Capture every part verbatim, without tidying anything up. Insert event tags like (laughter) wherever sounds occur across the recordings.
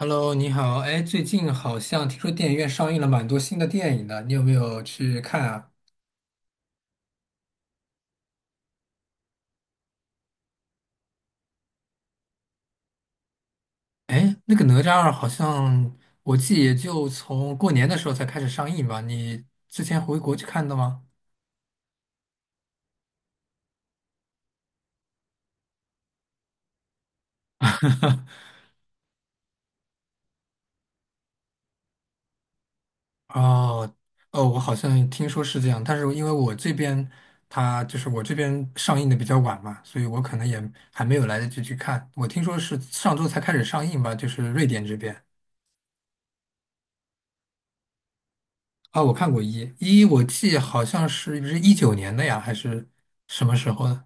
Hello，你好。哎，最近好像听说电影院上映了蛮多新的电影的，你有没有去看啊？哎，那个哪吒二好像我记也就从过年的时候才开始上映吧？你之前回国去看的吗？哦，哦，我好像听说是这样，但是因为我这边它就是我这边上映的比较晚嘛，所以我可能也还没有来得及去看。我听说是上周才开始上映吧，就是瑞典这边。啊，我看过一一，我记好像是是一九年的呀，还是什么时候的？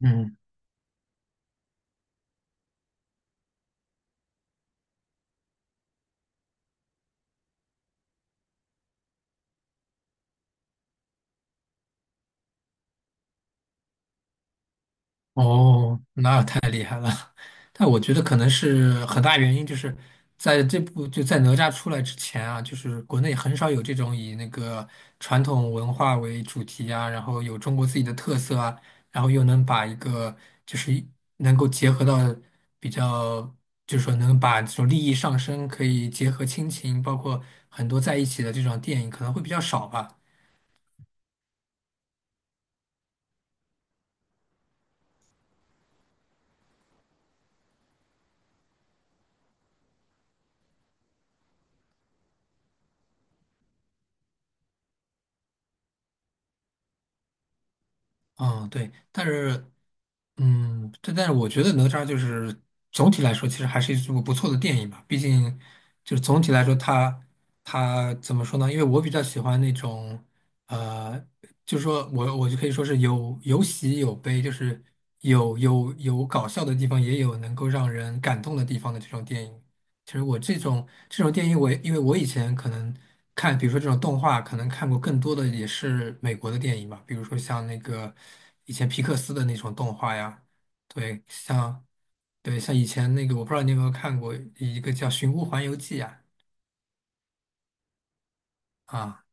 嗯，哦，那但我觉得可能是很大原因，就是在这部就在哪吒出来之前啊，就是国内很少有这种以那个传统文化为主题啊，然后有中国自己的特色啊，然后又能把一个就是一能够结合到比较，就是说能把这种利益上升，可以结合亲情，包括很多在一起的这种电影，可能会比较少吧。嗯，对，但是，嗯，对，但是我觉得哪吒就是总体来说，其实还是一部不错的电影吧。毕竟，就是总体来说它，它怎么说呢？因为我比较喜欢那种，呃，就是说我我就可以说是有有喜有悲，就是有有有搞笑的地方，也有能够让人感动的地方的这种电影。其实我这种这种电影我也因为我以前可能看，比如说这种动画，可能看过更多的也是美国的电影吧，比如说像那个以前皮克斯的那种动画呀，对，像对像以前那个，我不知道你有没有看过一个叫《寻乌环游记》啊，啊。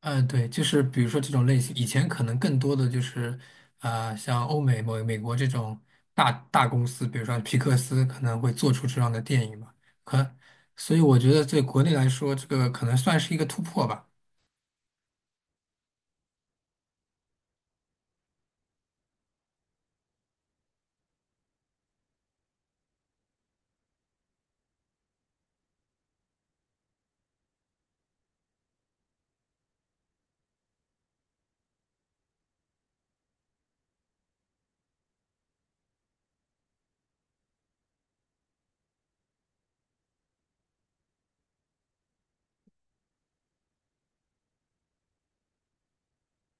嗯，呃对，就是比如说这种类型，以前可能更多的就是，呃，像欧美、美美国这种大大公司，比如说皮克斯可能会做出这样的电影嘛。可，所以我觉得在国内来说，这个可能算是一个突破吧。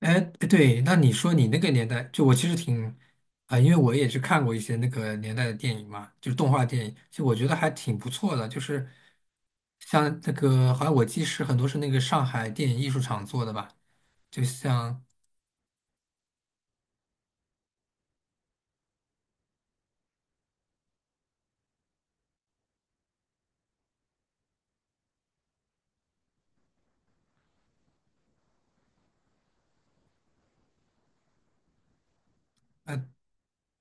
哎，对，那你说你那个年代，就我其实挺，啊、因为我也去看过一些那个年代的电影嘛，就是动画电影，就我觉得还挺不错的，就是像那个，好像我记是很多是那个上海电影艺术厂做的吧。就像，呃，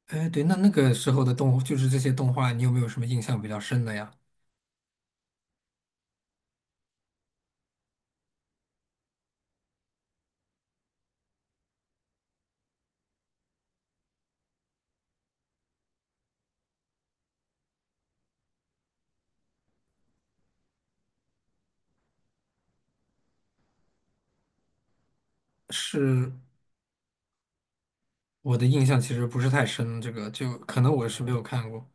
哎，对，那那个时候的动，就是这些动画，你有没有什么印象比较深的呀？是我的印象其实不是太深，这个就可能我是没有看过。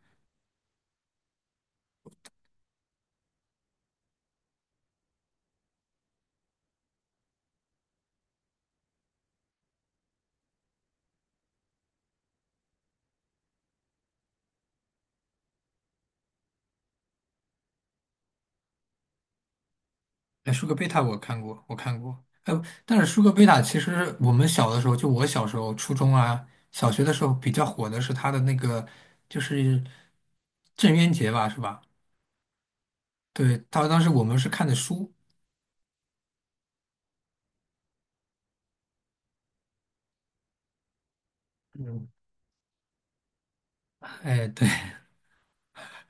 哎，舒克贝塔我看过，我看过。哎，但是舒克贝塔其实我们小的时候，就我小时候，初中啊、小学的时候比较火的是他的那个，就是郑渊洁吧，是吧？对，他当时我们是看的书。嗯。哎，对，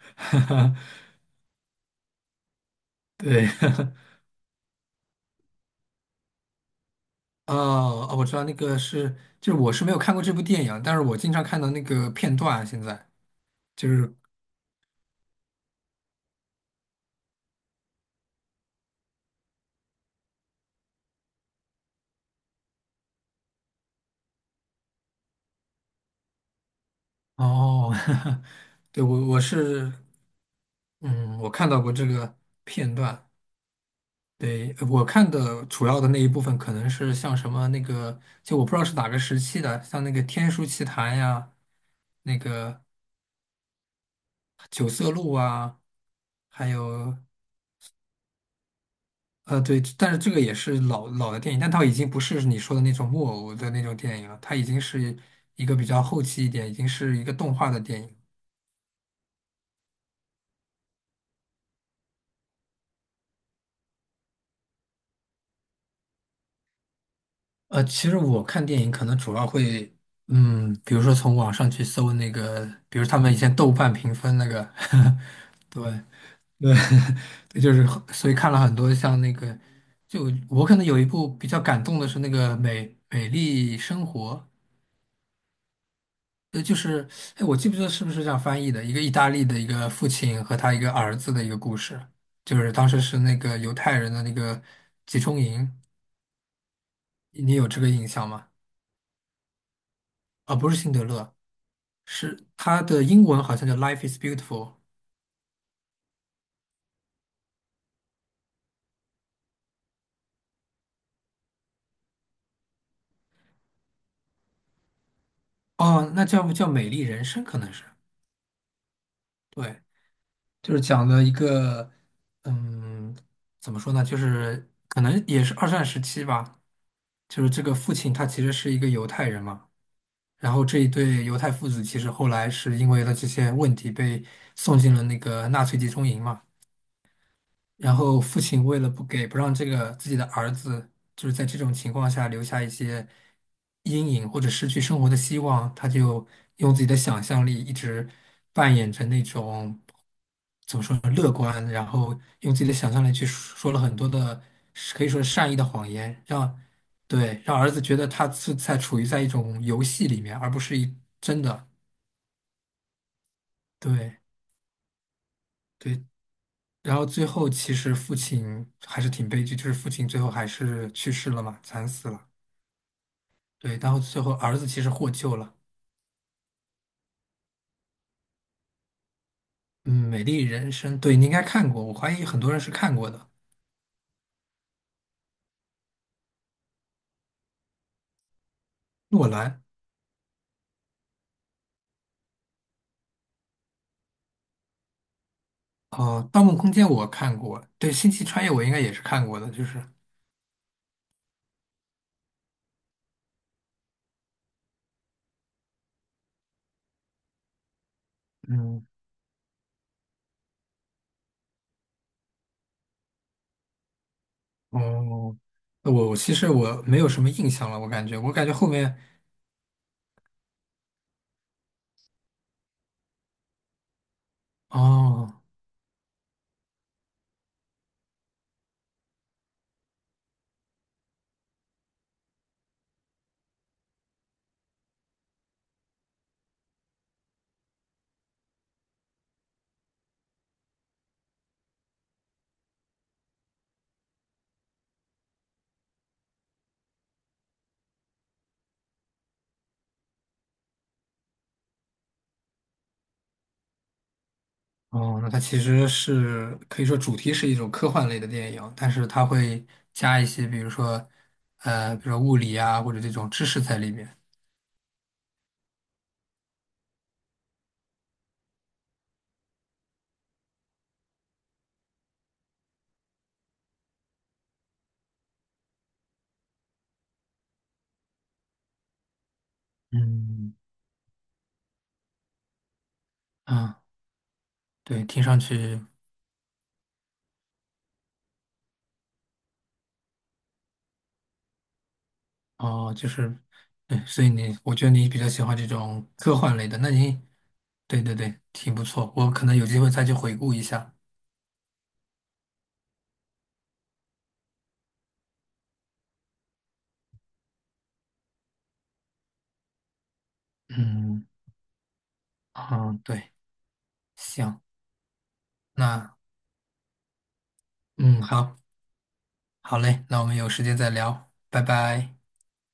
(laughs) 对。哦哦，我知道那个是，就是我是没有看过这部电影，但是我经常看到那个片段啊。现在就是哦，(laughs) 对我我是嗯，我看到过这个片段。对，我看的主要的那一部分可能是像什么那个，就我不知道是哪个时期的，像那个《天书奇谭》呀，那个《九色鹿》啊，还有呃，对，但是这个也是老老的电影，但它已经不是你说的那种木偶的那种电影了，它已经是一个比较后期一点，已经是一个动画的电影。呃，其实我看电影可能主要会，嗯，比如说从网上去搜那个，比如他们以前豆瓣评分那个，(laughs) 对，对 (laughs) 对，就是所以看了很多像那个，就我可能有一部比较感动的是那个《美美丽生活》，呃，就是，哎，我记不记得是不是这样翻译的？一个意大利的一个父亲和他一个儿子的一个故事，就是当时是那个犹太人的那个集中营，你有这个印象吗？啊，不是辛德勒，是他的英文好像叫《Life is Beautiful》，哦，那叫不叫《美丽人生》？可能是，对，就是讲了一个，嗯，怎么说呢？就是可能也是二战时期吧，就是这个父亲他其实是一个犹太人嘛。然后这一对犹太父子其实后来是因为了这些问题被送进了那个纳粹集中营嘛。然后父亲为了不给不让这个自己的儿子，就是在这种情况下留下一些阴影或者失去生活的希望，他就用自己的想象力一直扮演着那种怎么说呢，乐观，然后用自己的想象力去说说了很多的可以说是善意的谎言，让对让儿子觉得他是在处于在一种游戏里面，而不是一真的对。对然后最后其实父亲还是挺悲剧，就是父亲最后还是去世了嘛，惨死了。对，然后最后儿子其实获救了。嗯，《美丽人生》对，你应该看过，我怀疑很多人是看过的。诺兰，哦，《盗梦空间》我看过，对，《星际穿越》我应该也是看过的，就是，嗯，哦，我我其实我没有什么印象了，我感觉，我感觉后面，哦。哦，那它其实是可以说主题是一种科幻类的电影，但是它会加一些，比如说，呃，比如说物理啊，或者这种知识在里面。嗯，啊，对，听上去哦，就是，对，所以你，我觉得你比较喜欢这种科幻类的，那你，对对对，挺不错，我可能有机会再去回顾一下。嗯，嗯，对，行，那，嗯，好，好嘞，那我们有时间再聊，拜拜。